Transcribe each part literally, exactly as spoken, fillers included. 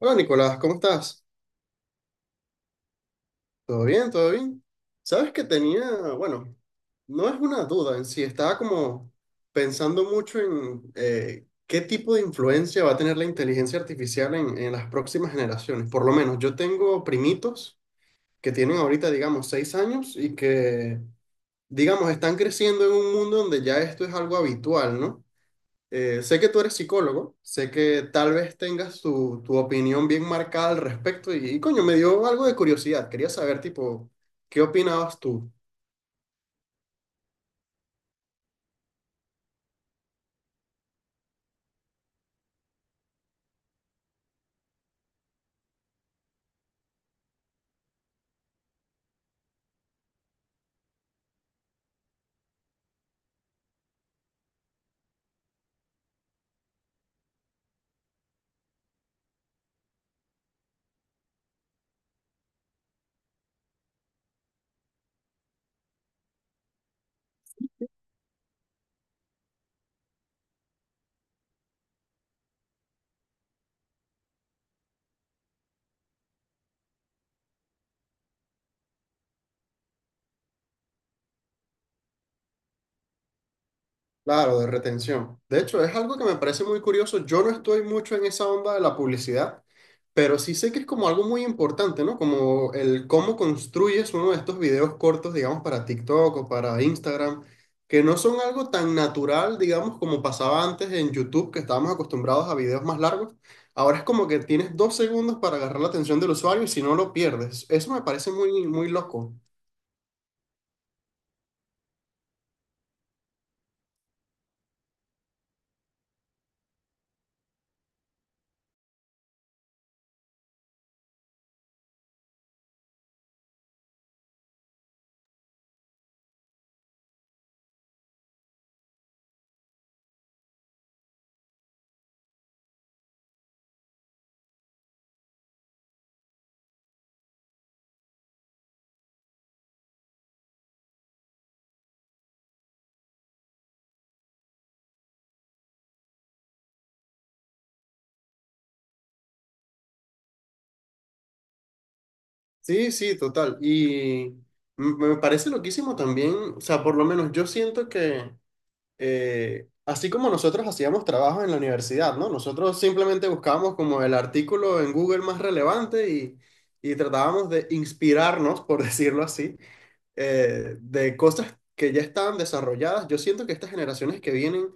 Hola Nicolás, ¿cómo estás? ¿Todo bien? ¿Todo bien? Sabes que tenía, bueno, no es una duda en sí, estaba como pensando mucho en eh, qué tipo de influencia va a tener la inteligencia artificial en, en las próximas generaciones. Por lo menos yo tengo primitos que tienen ahorita, digamos, seis años y que, digamos, están creciendo en un mundo donde ya esto es algo habitual, ¿no? Eh, sé que tú eres psicólogo, sé que tal vez tengas tu, tu opinión bien marcada al respecto y, y, coño, me dio algo de curiosidad. Quería saber, tipo, ¿qué opinabas tú? Claro, de retención. De hecho, es algo que me parece muy curioso. Yo no estoy mucho en esa onda de la publicidad. Pero sí sé que es como algo muy importante, ¿no? Como el cómo construyes uno de estos videos cortos, digamos, para TikTok o para Instagram, que no son algo tan natural, digamos, como pasaba antes en YouTube, que estábamos acostumbrados a videos más largos. Ahora es como que tienes dos segundos para agarrar la atención del usuario y si no lo pierdes. Eso me parece muy, muy loco. Sí, sí, total. Y m- me parece loquísimo también, o sea, por lo menos yo siento que eh, así como nosotros hacíamos trabajos en la universidad, ¿no? Nosotros simplemente buscábamos como el artículo en Google más relevante y, y tratábamos de inspirarnos, por decirlo así, eh, de cosas que ya estaban desarrolladas. Yo siento que estas generaciones que vienen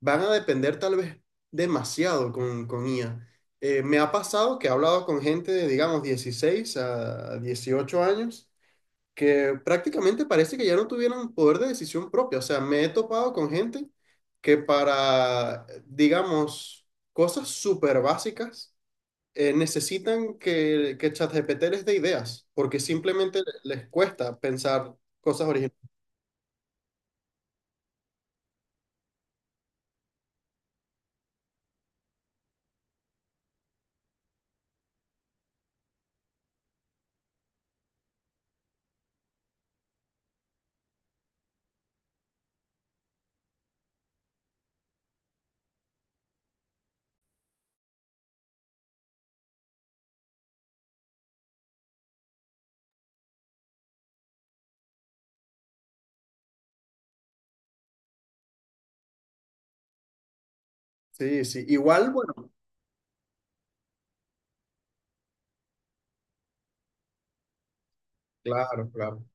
van a depender tal vez demasiado con, con I A. Eh, me ha pasado que he hablado con gente de, digamos, dieciséis a dieciocho años que prácticamente parece que ya no tuvieran poder de decisión propia. O sea, me he topado con gente que para, digamos, cosas súper básicas, eh, necesitan que, que ChatGPT les dé ideas, porque simplemente les cuesta pensar cosas originales. Sí, sí. Igual, bueno, claro, claro.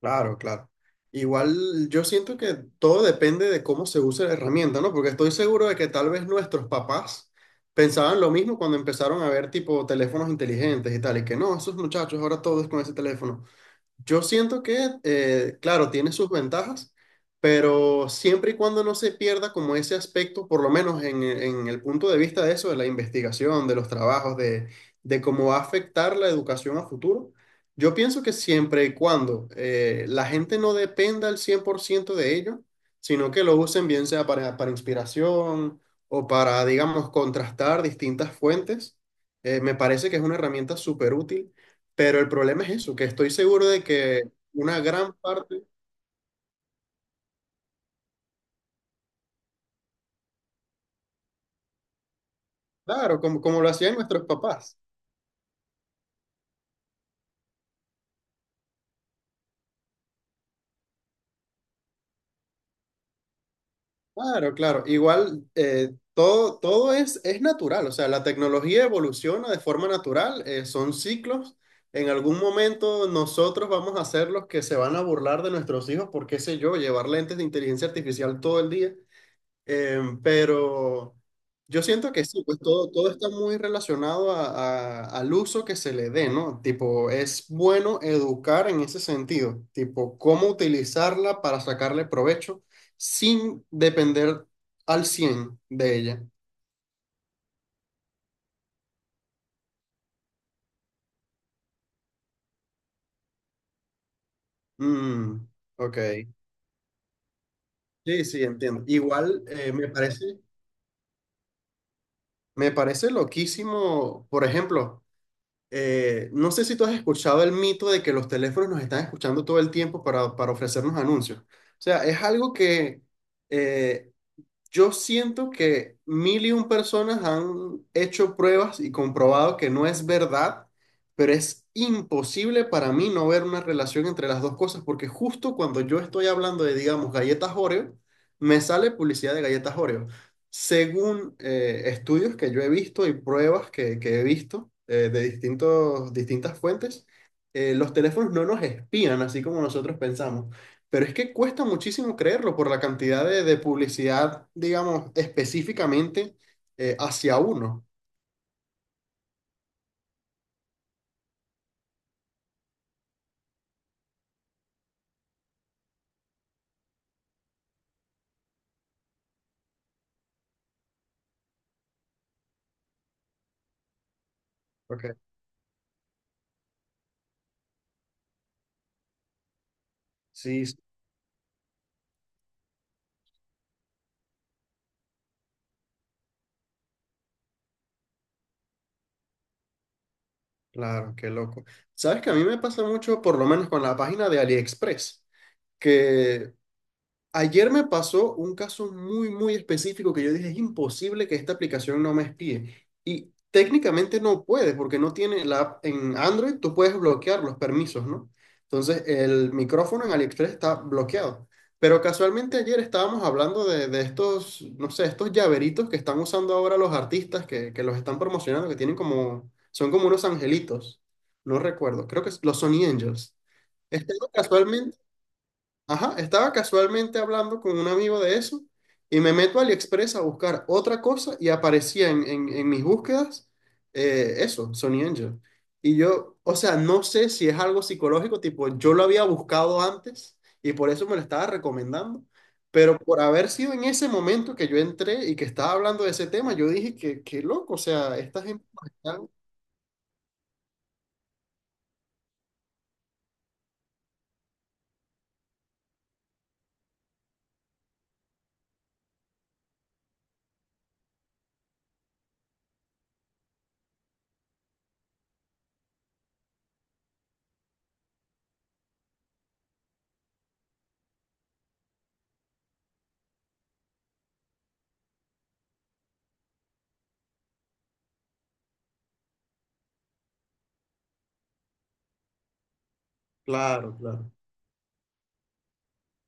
Claro, claro. Igual yo siento que todo depende de cómo se use la herramienta, ¿no? Porque estoy seguro de que tal vez nuestros papás pensaban lo mismo cuando empezaron a ver tipo teléfonos inteligentes y tal, y que no, esos muchachos ahora todo es con ese teléfono. Yo siento que, eh, claro, tiene sus ventajas, pero siempre y cuando no se pierda como ese aspecto, por lo menos en, en el punto de vista de eso, de la investigación, de los trabajos, de, de cómo va a afectar la educación a futuro, yo pienso que siempre y cuando eh, la gente no dependa al cien por ciento de ello, sino que lo usen bien sea para, para inspiración o para, digamos, contrastar distintas fuentes, eh, me parece que es una herramienta súper útil, pero el problema es eso, que estoy seguro de que una gran parte, claro, como, como lo hacían nuestros papás, claro, claro, igual eh, todo, todo es, es natural, o sea, la tecnología evoluciona de forma natural, eh, son ciclos, en algún momento nosotros vamos a ser los que se van a burlar de nuestros hijos por, qué sé yo, llevar lentes de inteligencia artificial todo el día, Em, pero yo siento que sí, pues todo, todo está muy relacionado a- a- al uso que se le dé, ¿no? Tipo, es bueno educar en ese sentido, tipo, cómo utilizarla para sacarle provecho sin depender al cien de ella. Mm, ok. Sí, sí, entiendo. Igual eh, me parece, me parece loquísimo, por ejemplo. Eh, no sé si tú has escuchado el mito de que los teléfonos nos están escuchando todo el tiempo para, para ofrecernos anuncios. O sea, es algo que eh, yo siento que mil y un personas han hecho pruebas y comprobado que no es verdad, pero es imposible para mí no ver una relación entre las dos cosas, porque justo cuando yo estoy hablando de, digamos, galletas Oreo, me sale publicidad de galletas Oreo. Según eh, estudios que yo he visto y pruebas que, que he visto eh, de distintos, distintas fuentes, eh, los teléfonos no nos espían así como nosotros pensamos. Pero es que cuesta muchísimo creerlo por la cantidad de, de publicidad, digamos, específicamente eh, hacia uno. Okay. Sí, sí, claro, qué loco. Sabes que a mí me pasa mucho, por lo menos con la página de AliExpress, que ayer me pasó un caso muy, muy específico que yo dije, es imposible que esta aplicación no me espíe. Y técnicamente no puede, porque no tiene la app en Android, tú puedes bloquear los permisos, ¿no? Entonces, el micrófono en AliExpress está bloqueado. Pero casualmente ayer estábamos hablando de, de estos, no sé, estos llaveritos que están usando ahora los artistas que, que los están promocionando, que tienen como, son como unos angelitos. No recuerdo, creo que los Sony Angels. Estaba casualmente Ajá, estaba casualmente hablando con un amigo de eso y me meto a AliExpress a buscar otra cosa y aparecía en, en- en mis búsquedas eh, eso, Sony Angel. Y yo, o sea, no sé si es algo psicológico, tipo, yo lo había buscado antes y por eso me lo estaba recomendando, pero por haber sido en ese momento que yo entré y que estaba hablando de ese tema, yo dije que, qué loco, o sea, esta gente nos están- Claro, claro.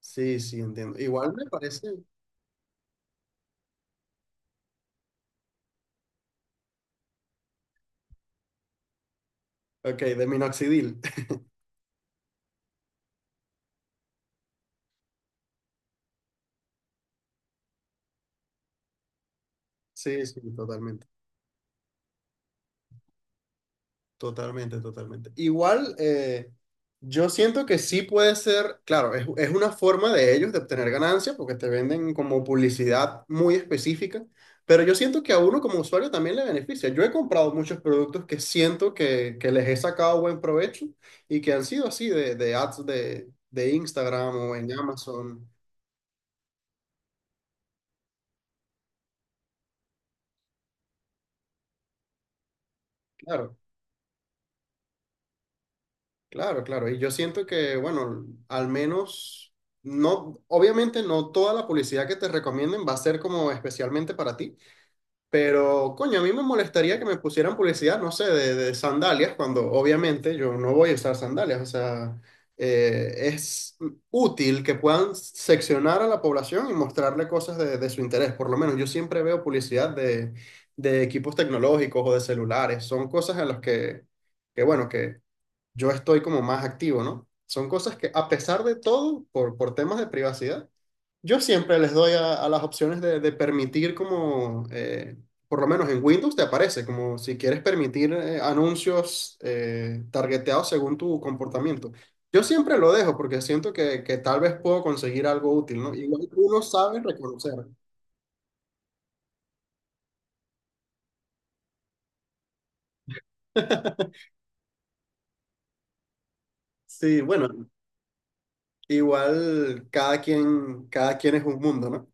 Sí, sí, entiendo. Igual me parece. Ok, de minoxidil. Sí, sí, totalmente. Totalmente, totalmente. Igual, eh, yo siento que sí puede ser, claro, es, es una forma de ellos de obtener ganancias porque te venden como publicidad muy específica, pero yo siento que a uno como usuario también le beneficia. Yo he comprado muchos productos que siento que, que les he sacado buen provecho y que han sido así de, de ads de, de Instagram o en Amazon. Claro. Claro, claro. Y yo siento que, bueno, al menos, no, obviamente no toda la publicidad que te recomienden va a ser como especialmente para ti, pero coño, a mí me molestaría que me pusieran publicidad, no sé, de, de sandalias, cuando obviamente yo no voy a usar sandalias. O sea, eh, es útil que puedan seccionar a la población y mostrarle cosas de, de su interés. Por lo menos yo siempre veo publicidad de, de equipos tecnológicos o de celulares. Son cosas en las que que bueno, que yo estoy como más activo, ¿no? Son cosas que a pesar de todo, por, por temas de privacidad, yo siempre les doy a, a las opciones de, de permitir como, eh, por lo menos en Windows te aparece, como si quieres permitir eh, anuncios eh, targeteados según tu comportamiento. Yo siempre lo dejo porque siento que, que tal vez puedo conseguir algo útil, ¿no? Igual uno sabe reconocer. Sí, bueno, igual cada quien, cada quien es un mundo, ¿no?